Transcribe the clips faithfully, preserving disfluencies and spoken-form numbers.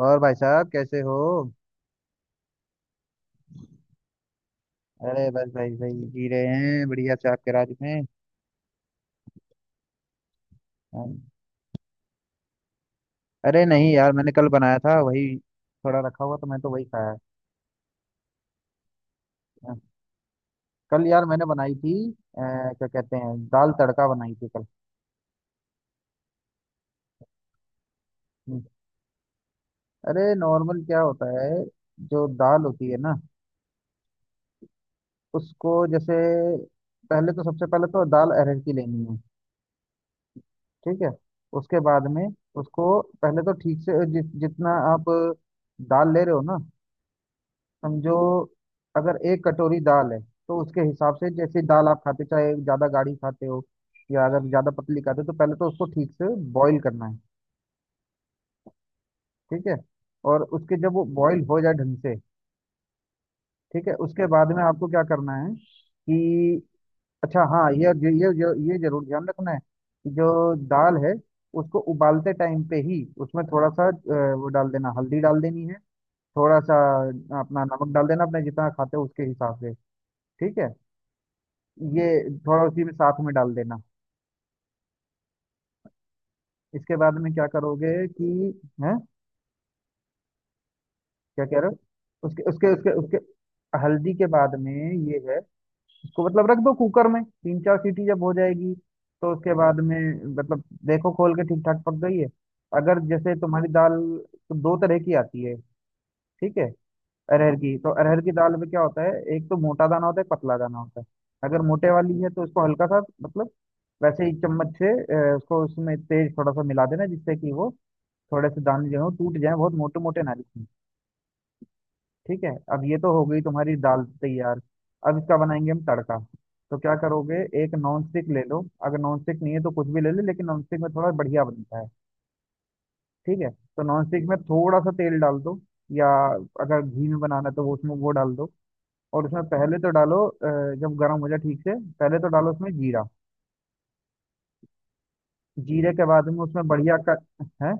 और भाई साहब कैसे हो? अरे बस भाई भाई जी रहे हैं बढ़िया से आपके राज में। हाँ। अरे नहीं यार, मैंने कल बनाया था वही थोड़ा रखा हुआ, तो मैं तो वही खाया। हाँ। कल यार मैंने बनाई थी अ, क्या कहते हैं, दाल तड़का बनाई थी कल। हम्म। अरे नॉर्मल क्या होता है, जो दाल होती है ना उसको, जैसे पहले तो, सबसे पहले तो दाल अरहर की लेनी है। ठीक है। उसके बाद में उसको पहले तो ठीक से जि, जितना आप दाल ले रहे हो ना, समझो अगर एक कटोरी दाल है तो उसके हिसाब से, जैसे दाल आप खाते, चाहे ज्यादा गाढ़ी खाते हो या अगर ज्यादा पतली खाते हो, तो पहले तो उसको ठीक से बॉईल करना है। ठीक है। और उसके जब वो बॉईल हो जाए ढंग से, ठीक है, उसके बाद में आपको क्या करना है कि, अच्छा हाँ, ये ये ये ये जरूर ध्यान रखना है कि जो दाल है उसको उबालते टाइम पे ही उसमें थोड़ा सा अ, वो डाल देना, हल्दी डाल देनी है थोड़ा सा। अपना नमक डाल देना अपने जितना खाते हो उसके हिसाब से। ठीक है। ये थोड़ा उसी में साथ में डाल देना। इसके बाद में क्या करोगे कि, है, क्या कह रहे हो, उसके उसके उसके उसके हल्दी के बाद में ये है। इसको मतलब रख दो कुकर में, तीन चार सीटी जब हो जाएगी तो उसके बाद में मतलब देखो खोल के ठीक ठाक पक गई है। अगर जैसे तुम्हारी दाल तो दो तरह की आती है। ठीक है। अरहर की, तो अरहर की दाल में क्या होता है, एक तो मोटा दाना होता है, एक पतला दाना होता है। अगर मोटे वाली है तो उसको हल्का सा मतलब वैसे ही चम्मच से अ, उसको उसमें तेज थोड़ा सा मिला देना, जिससे कि वो थोड़े से दाने जो हो टूट जाए, बहुत मोटे मोटे ना लिखें। ठीक है। अब ये तो हो गई तुम्हारी दाल तैयार। अब इसका बनाएंगे हम तड़का। तो क्या करोगे, एक नॉन स्टिक ले लो, अगर नॉन स्टिक नहीं है तो कुछ भी ले लो, लेकिन नॉन स्टिक में थोड़ा बढ़िया बनता है। ठीक है। तो नॉन स्टिक में थोड़ा सा तेल डाल दो, या अगर घी में बनाना है तो वो उसमें वो डाल दो। और उसमें पहले तो डालो अ, जब गर्म हो जाए ठीक से, पहले तो डालो उसमें जीरा। जीरे के बाद में उसमें बढ़िया का है,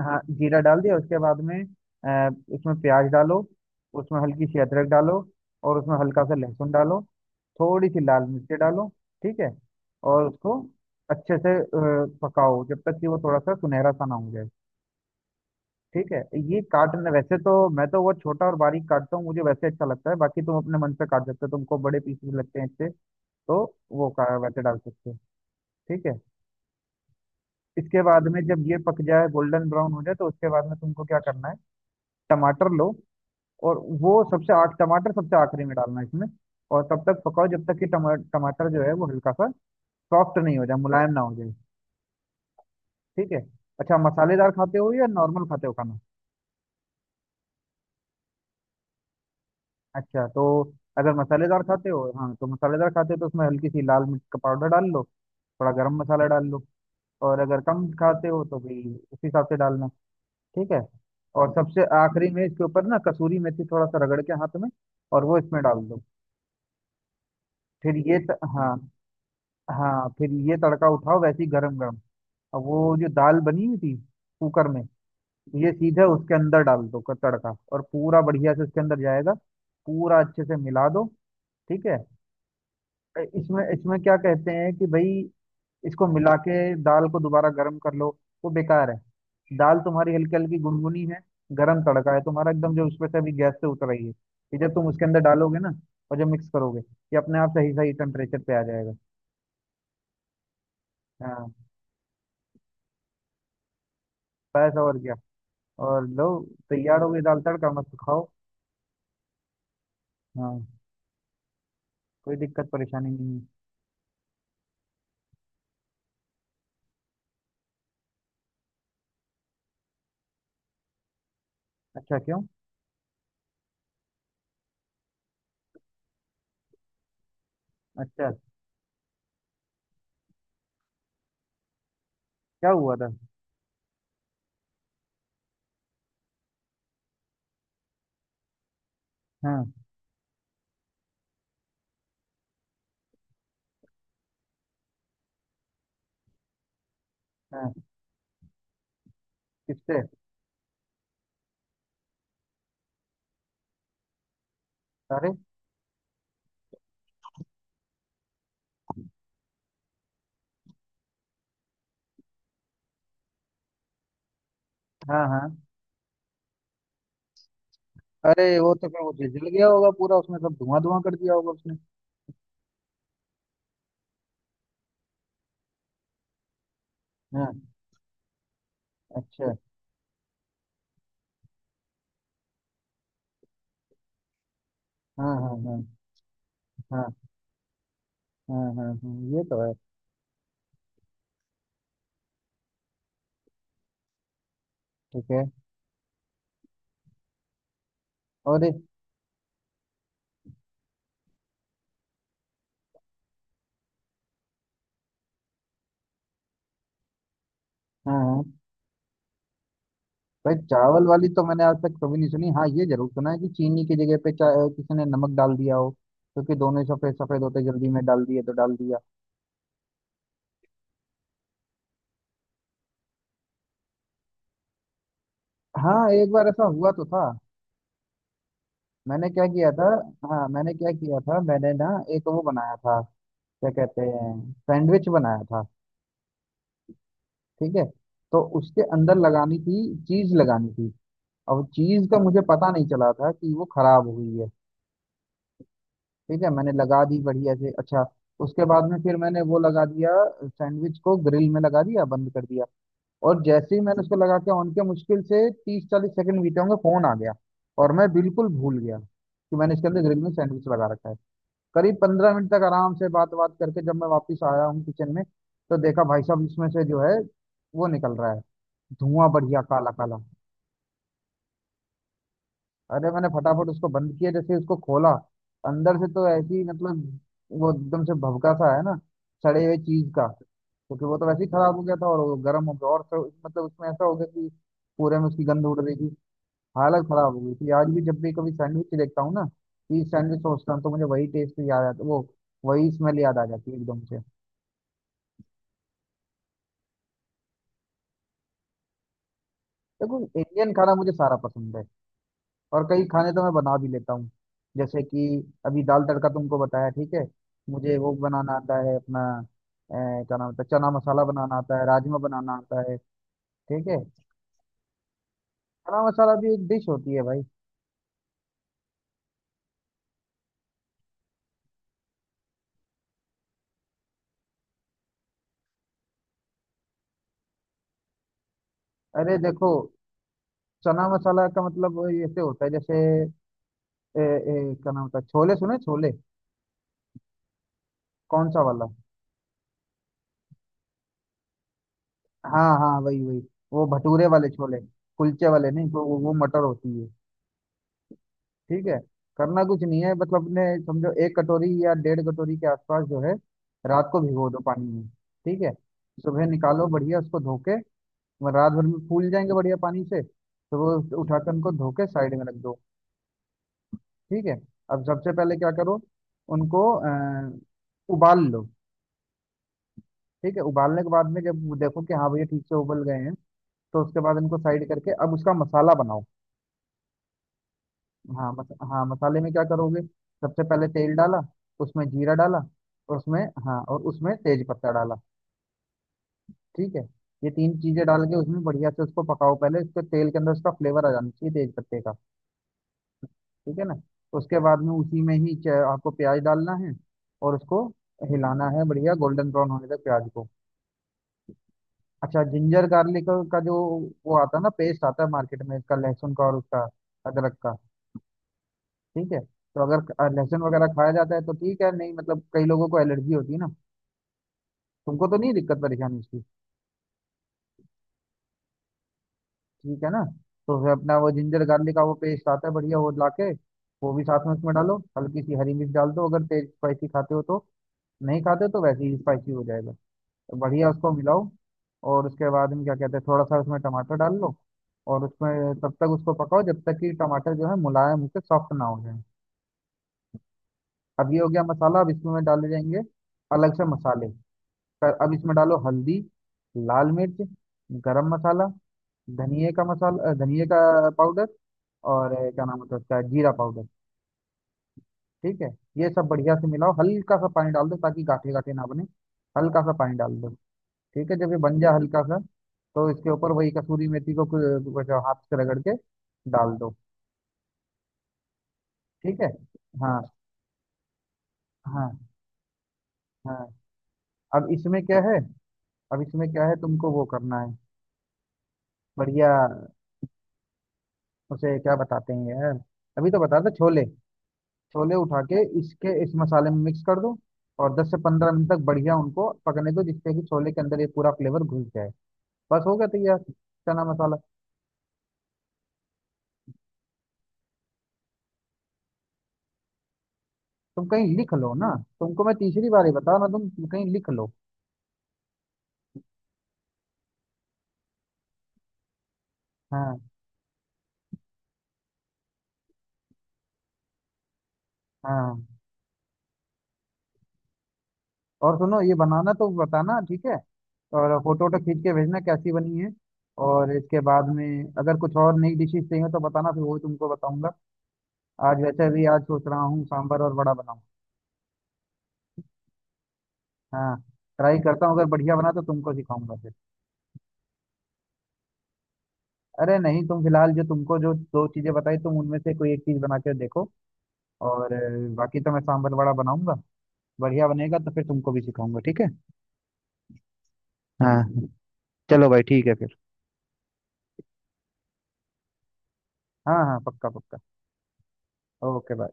हाँ जीरा डाल दिया उसके बाद में अ, उसमें प्याज डालो, उसमें हल्की सी अदरक डालो, और उसमें हल्का सा लहसुन डालो, थोड़ी सी लाल मिर्च डालो। ठीक है। और उसको अच्छे से अ, पकाओ जब तक कि वो थोड़ा सा सुनहरा सा ना हो जाए। ठीक है। ये काटने वैसे तो, मैं तो वो छोटा और बारीक काटता हूँ, मुझे वैसे अच्छा लगता है, बाकी तुम अपने मन से काट सकते हो, तुमको बड़े पीस भी लगते हैं इससे तो वो का वैसे डाल सकते हो। ठीक है। इसके बाद में जब ये पक जाए, गोल्डन ब्राउन हो जाए, तो उसके बाद में तुमको क्या करना है, टमाटर लो। और वो सबसे आख टमाटर सबसे आखिरी में डालना है इसमें। और तब तक पकाओ जब तक कि टमा, टमाटर जो है वो हल्का सा सॉफ्ट नहीं हो जाए, मुलायम ना हो जाए। ठीक है। अच्छा, मसालेदार खाते हो या नॉर्मल खाते हो खाना? अच्छा तो, अगर मसालेदार खाते हो, हाँ तो मसालेदार खाते हो तो उसमें हल्की सी लाल मिर्च का पाउडर डाल लो, थोड़ा गरम मसाला डाल लो। और अगर कम खाते हो तो भाई उस हिसाब से डालना। ठीक है। और सबसे आखिरी में इसके ऊपर ना कसूरी मेथी थोड़ा सा रगड़ के हाथ में और वो इसमें डाल दो। फिर ये त- हाँ, हाँ फिर ये तड़का उठाओ वैसे ही गरम गरम। अब वो जो दाल बनी हुई थी कुकर में, ये सीधे उसके अंदर डाल दो, क- तड़का और पूरा बढ़िया से उसके अंदर जाएगा। पूरा अच्छे से मिला दो। ठीक है। अ, इसमें इसमें क्या कहते हैं कि भाई, इसको मिला के दाल को दोबारा गर्म कर लो, वो बेकार है। दाल तुम्हारी हल्की हल्की गुनगुनी है, गरम तड़का है तुम्हारा एकदम, जो उसमें से अभी गैस से उतर रही है। ये जब तुम उसके अंदर डालोगे ना, और जब मिक्स करोगे, ये अपने आप सही सही टेम्परेचर पे आ जाएगा। हाँ। बस और क्या। और लो, तैयार हो गई दाल तड़का, मस्त खाओ। हाँ, कोई दिक्कत परेशानी नहीं है। अच्छा, क्यों? अच्छा, क्या हुआ था? हाँ। हाँ। किससे? अरे। हाँ। हाँ। अरे वो तो फिर वो जल जल गया होगा पूरा, उसमें सब धुआं धुआं कर दिया होगा उसने। हाँ। अच्छा। हाँ। हाँ हाँ हाँ। हाँ हाँ हाँ, ये तो है। ठीक है। और ये- हाँ। हाँ। भाई चावल वाली तो मैंने आज तक कभी नहीं सुनी। हाँ ये जरूर सुना है कि चीनी की जगह पे चा- किसी ने नमक डाल दिया हो, क्योंकि दोनों ही सफेद सफेद होते जल्दी में डाल दिए तो डाल दिया। हाँ, एक बार ऐसा हुआ तो था। मैंने क्या किया था, हाँ मैंने क्या किया था, मैंने ना एक वो बनाया था, क्या कहते हैं, सैंडविच बनाया था। ठीक है। तो उसके अंदर लगानी थी, चीज लगानी थी। अब चीज का मुझे पता नहीं चला था कि वो खराब हुई है। ठीक है, मैंने लगा दी बढ़िया से। अच्छा, उसके बाद में फिर मैंने वो लगा दिया, सैंडविच को ग्रिल में लगा दिया, बंद कर दिया। और जैसे ही मैंने उसको लगा के ऑन किया, मुश्किल से तीस चालीस सेकंड बीते होंगे, फोन आ गया। और मैं बिल्कुल भूल गया कि मैंने इसके अंदर ग्रिल में सैंडविच लगा रखा है। करीब पंद्रह मिनट तक आराम से बात बात करके जब मैं वापस आया हूँ किचन में, तो देखा भाई साहब इसमें से जो है वो निकल रहा है, धुआं बढ़िया काला काला। अरे मैंने फटाफट उसको बंद किया, जैसे उसको खोला, अंदर से तो ऐसी मतलब, वो एकदम से भभका सा है ना सड़े हुए चीज का, क्योंकि वो तो वैसे ही खराब हो गया था और वो गर्म हो गया, और तो मतलब उसमें ऐसा हो गया कि पूरे में उसकी गंध उड़ रही थी। हालत खराब हो गई थी। आज भी जब भी कभी सैंडविच देखता हूँ ना, कि सैंडविच सोचता हूँ, तो मुझे वही टेस्ट याद आता वो, वही स्मेल याद आ जाती है एकदम से। देखो, इंडियन खाना मुझे सारा पसंद है। और कई खाने तो मैं बना भी लेता हूँ, जैसे कि अभी दाल तड़का तुमको बताया। ठीक है। मुझे वो बनाना आता है अपना अ, क्या नाम होता है, चना मसाला बनाना आता है, राजमा बनाना आता है। ठीक है। चना मसाला भी एक डिश होती है भाई। अरे देखो, चना मसाला का मतलब वो ऐसे होता है जैसे ए, ए, क्या नाम होता है, छोले, सुने छोले? कौन सा वाला? हाँ हाँ वही वही, वो भटूरे वाले छोले, कुलचे वाले नहीं तो वो, वो मटर होती है। ठीक है। करना कुछ नहीं है, मतलब अपने समझो एक कटोरी या डेढ़ कटोरी के आसपास जो है, रात को भिगो दो पानी में। ठीक है। सुबह निकालो बढ़िया उसको धो के, वह रात भर में फूल जाएंगे बढ़िया पानी से, तो वो उठाकर उनको धो के साइड में रख दो। ठीक है। अब सबसे पहले क्या करो, उनको अ, उबाल लो। ठीक है, उबालने के बाद में जब देखो कि हाँ भैया ठीक से उबल गए हैं, तो उसके बाद इनको साइड करके अब उसका मसाला बनाओ। हाँ मस, हाँ मसाले में क्या करोगे, सबसे पहले तेल डाला, उसमें जीरा डाला, और उसमें, हाँ और उसमें तेज पत्ता डाला। ठीक है। ये तीन चीजें डाल के उसमें बढ़िया से उसको पकाओ, पहले उसके तेल के अंदर उसका फ्लेवर आ जाना चाहिए तेज पत्ते का। ठीक है ना। उसके बाद में उसी में ही च- आपको प्याज डालना है और उसको हिलाना है बढ़िया गोल्डन ब्राउन होने तक प्याज को। अच्छा, जिंजर गार्लिक का जो वो आता है ना, पेस्ट आता है मार्केट में इसका, लहसुन का और उसका अदरक का। ठीक है, तो अगर अ, लहसुन वगैरह खाया जाता है तो ठीक है, नहीं मतलब कई लोगों को एलर्जी होती है ना। तुमको तो नहीं दिक्कत परेशानी इसकी? ठीक है ना। तो फिर अपना वो जिंजर गार्लिक का वो पेस्ट आता है बढ़िया, वो ला के वो भी साथ में उसमें डालो, हल्की सी हरी मिर्च डाल दो अगर तेज स्पाइसी खाते हो तो। नहीं खाते हो तो वैसे ही स्पाइसी हो जाएगा। तो बढ़िया उसको मिलाओ, और उसके बाद में क्या कहते हैं, थोड़ा सा उसमें टमाटर डाल लो, और उसमें तब तक उसको पकाओ जब तक कि टमाटर जो है मुलायम होकर सॉफ्ट ना हो जाए। अब ये हो गया मसाला, अब इसमें डाले जाएंगे अलग से मसाले। पर अब इसमें डालो हल्दी, लाल मिर्च, गरम मसाला, धनिए का मसाला, अ, धनिए का पाउडर, और अ, क्या नाम होता है उसका, जीरा पाउडर। ठीक है। ये सब बढ़िया से मिलाओ, हल्का सा पानी डाल दो ताकि गाठे गाठे ना बने। हल्का सा पानी डाल दो। ठीक है, जब ये बन जाए हल्का सा, तो इसके ऊपर वही कसूरी मेथी को कु- कुछ हाथ से रगड़ के डाल दो। ठीक है। हाँ। हाँ। हाँ। अब इसमें क्या है, अब इसमें क्या है तुमको वो करना है, बढ़िया, उसे क्या बताते हैं यार, अभी तो बता दो, छोले। छोले उठा के इसके इस मसाले में मिक्स कर दो, और दस से पंद्रह मिनट तक बढ़िया उनको पकने दो जिससे कि छोले के अंदर ये पूरा फ्लेवर घुस जाए। बस हो गया तैयार, चना मसाला। तुम कहीं लिख लो ना, तुमको मैं तीसरी बार ही बता रहा हूं, तुम कहीं लिख लो। हाँ। हाँ। और सुनो ये बनाना तो बताना ठीक है, और फोटो वोटो खींच के भेजना कैसी बनी है। और इसके बाद में अगर कुछ और नई डिशेस चाहिए तो बताना, फिर वो भी तुमको बताऊंगा। आज वैसे भी आज सोच रहा हूँ सांभर और बड़ा बनाऊं। हाँ, ट्राई करता हूँ, अगर बढ़िया बना तो तुमको सिखाऊंगा फिर। अरे नहीं, तुम फिलहाल जो तुमको जो दो चीजें बताई तुम उनमें से कोई एक चीज बना के देखो, और अ, बाकी तो मैं सांभर वड़ा बनाऊंगा, बढ़िया बनेगा तो फिर तुमको भी सिखाऊंगा, ठीक है। हाँ। चलो भाई, ठीक है फिर। हाँ हाँ, पक्का पक्का। Okay bye.